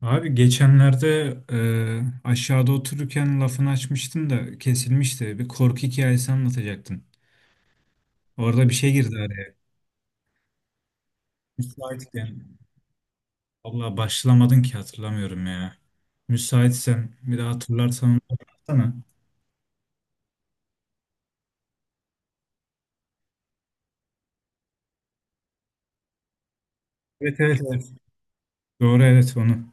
Abi geçenlerde aşağıda otururken lafını açmıştın da kesilmişti. Bir korku hikayesi anlatacaktın. Orada bir şey girdi araya. Müsaitken. Valla başlamadın ki hatırlamıyorum ya. Müsaitsen bir daha hatırlarsan onu anlatsana. Evet, evet, evet. Doğru, evet, onu.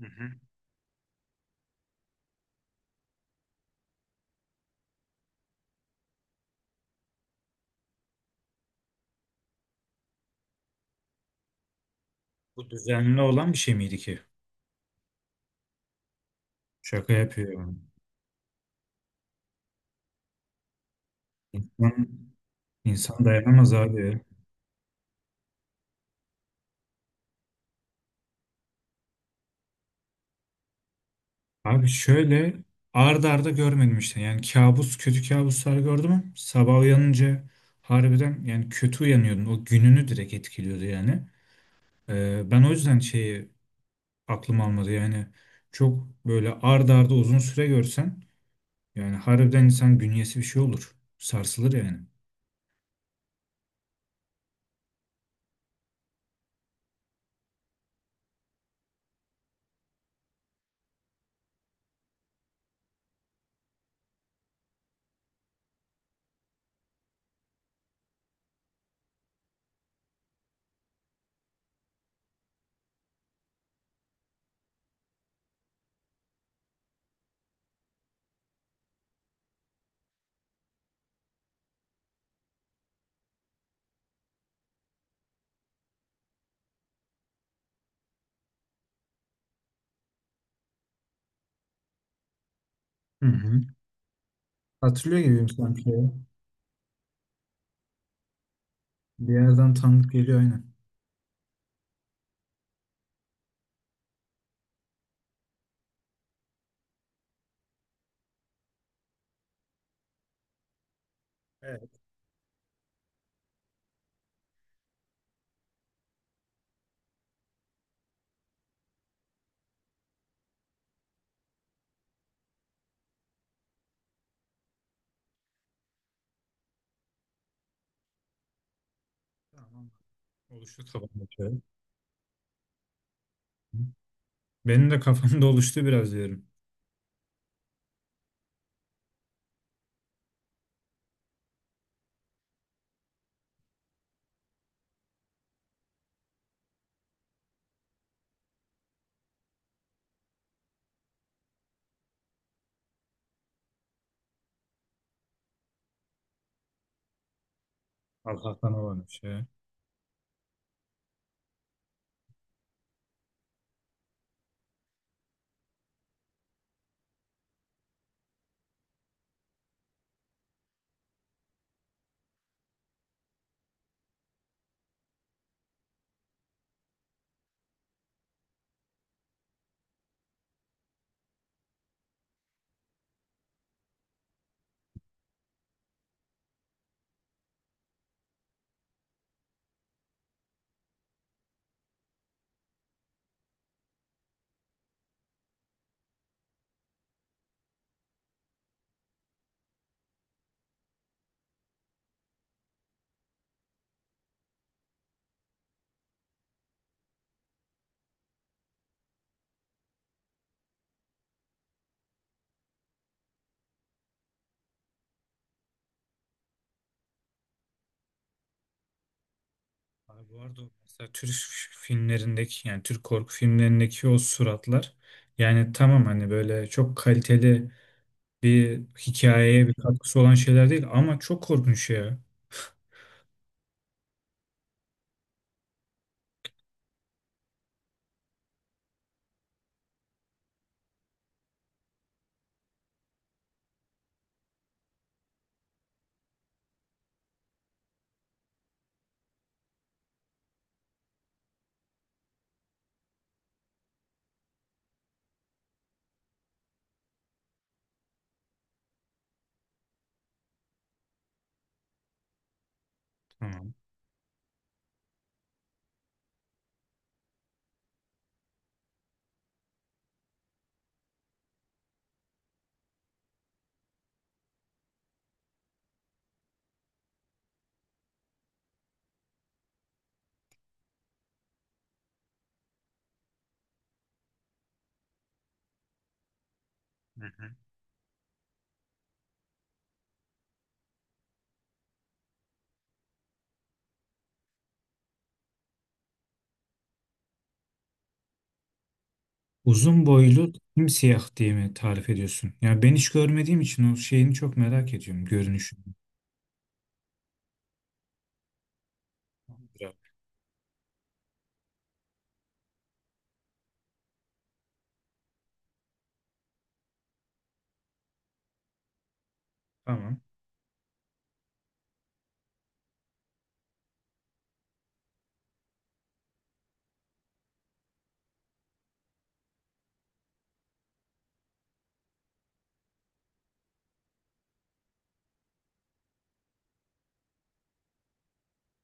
Hı hı. Bu düzenli olan bir şey miydi ki? Şaka yapıyor. İnsan, insan dayanamaz abi. Abi şöyle ard arda görmedim işte. Yani kabus, kötü kabuslar gördüm, ama sabah uyanınca harbiden yani kötü uyanıyordum. O gününü direkt etkiliyordu yani. Ben o yüzden şeyi aklım almadı yani. Çok böyle ard arda uzun süre görsen yani harbiden insan bünyesi bir şey olur. Sarsılır yani. Hı hı. Hatırlıyor gibiyim sanki ya. Bir yerden tanıdık geliyor aynen. Evet, tamam. Oluştu kafamda, şey. Benim de kafamda oluştu biraz diyorum. Allah'tan olan bir şey. Abi bu arada o mesela Türk filmlerindeki, yani Türk korku filmlerindeki o suratlar, yani tamam, hani böyle çok kaliteli bir hikayeye bir katkısı olan şeyler değil, ama çok korkunç ya. Tamam. Hı hı. Uzun boylu simsiyah diye mi tarif ediyorsun? Yani ben hiç görmediğim için o şeyini çok merak ediyorum, görünüşünü. Biraz. Tamam.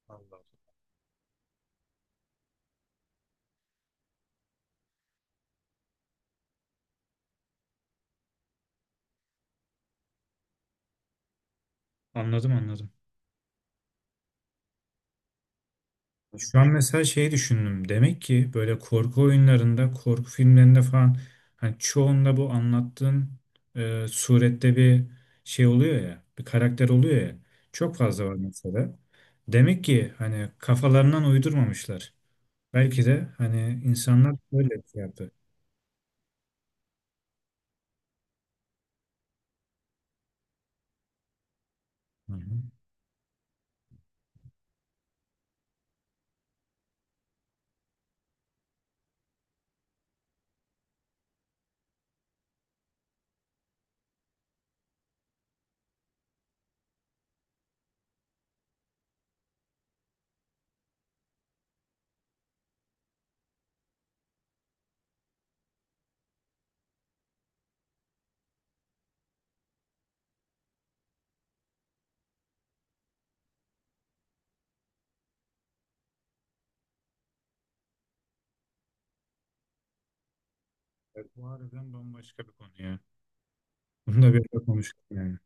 Allah Allah. Anladım, anladım. Şu an mesela şeyi düşündüm. Demek ki böyle korku oyunlarında, korku filmlerinde falan hani çoğunda bu anlattığın surette bir şey oluyor ya, bir karakter oluyor ya. Çok fazla var mesela. Demek ki hani kafalarından uydurmamışlar. Belki de hani insanlar böyle bir şey yaptı. Hı hı. Evet, bu harbiden bambaşka bir konu ya. Bunu da bir konuştuk yani.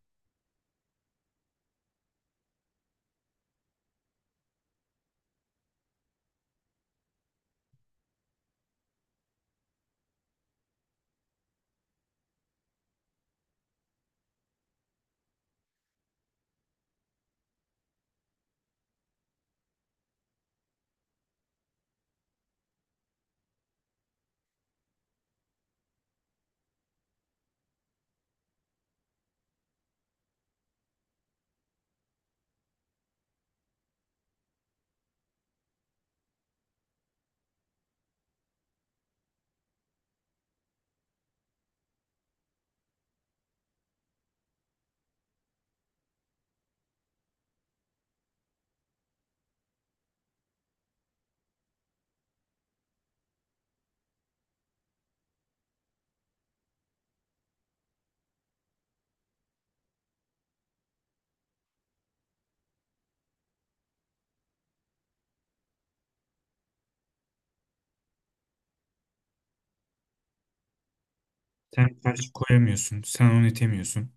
Sen karşı koyamıyorsun, sen onu itemiyorsun.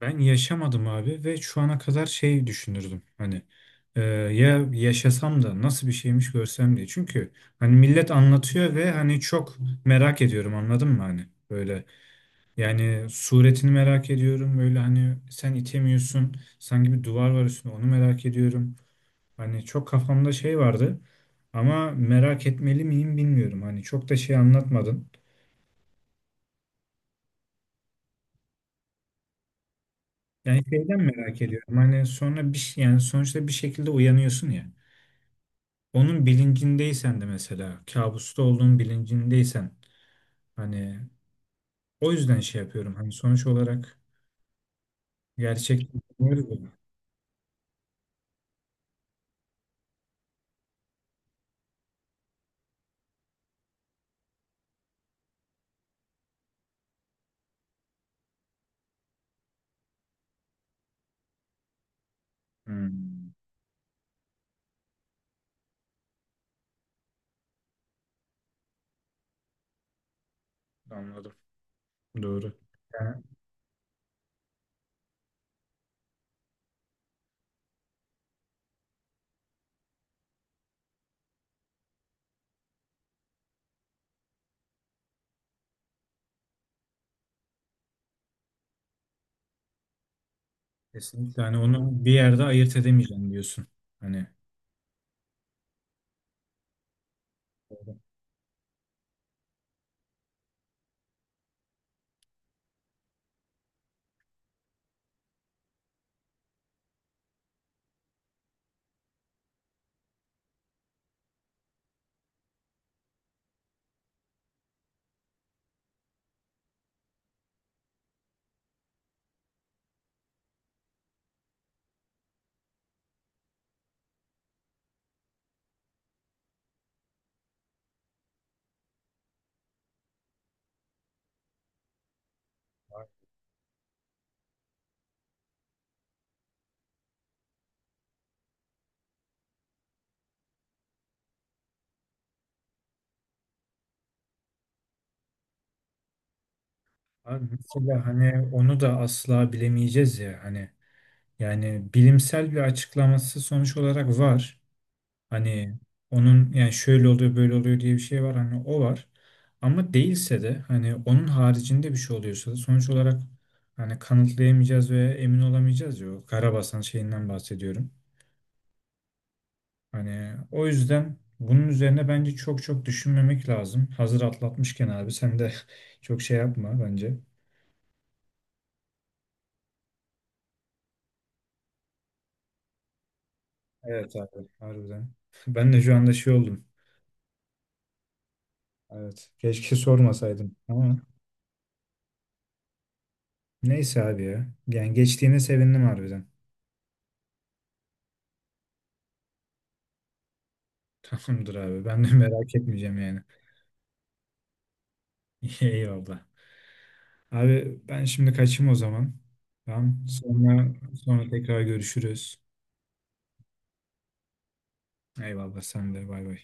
Ben yaşamadım abi ve şu ana kadar şey düşünürdüm, hani ya yaşasam da nasıl bir şeymiş, görsem diye. Çünkü hani millet anlatıyor ve hani çok merak ediyorum, anladın mı, hani böyle, yani suretini merak ediyorum, böyle hani sen itemiyorsun, sanki bir duvar var üstünde, onu merak ediyorum. Hani çok kafamda şey vardı ama merak etmeli miyim bilmiyorum, hani çok da şey anlatmadın. Yani şeyden merak ediyorum, hani sonra bir şey, yani sonuçta bir şekilde uyanıyorsun ya. Onun bilincindeysen de, mesela kabusta olduğun bilincindeysen, hani o yüzden şey yapıyorum. Hani sonuç olarak gerçek. Hmm, anladım. Doğru. Yani kesinlikle hani onu bir yerde ayırt edemeyeceğim diyorsun. Hani doğru. Abi mesela hani onu da asla bilemeyeceğiz ya, hani yani bilimsel bir açıklaması sonuç olarak var. Hani onun yani şöyle oluyor, böyle oluyor diye bir şey var, hani o var. Ama değilse de, hani onun haricinde bir şey oluyorsa da sonuç olarak hani kanıtlayamayacağız ve emin olamayacağız ya, o Karabasan şeyinden bahsediyorum. Hani o yüzden bunun üzerine bence çok çok düşünmemek lazım. Hazır atlatmışken abi sen de çok şey yapma bence. Evet abi, harbiden. Ben de şu anda şey oldum. Evet. Keşke sormasaydım ama neyse abi ya. Yani geçtiğine sevindim harbiden. Tamamdır abi. Ben de merak etmeyeceğim yani. Eyvallah. Abi ben şimdi kaçayım o zaman. Tamam. Sonra sonra tekrar görüşürüz. Eyvallah, sen de, bay bay.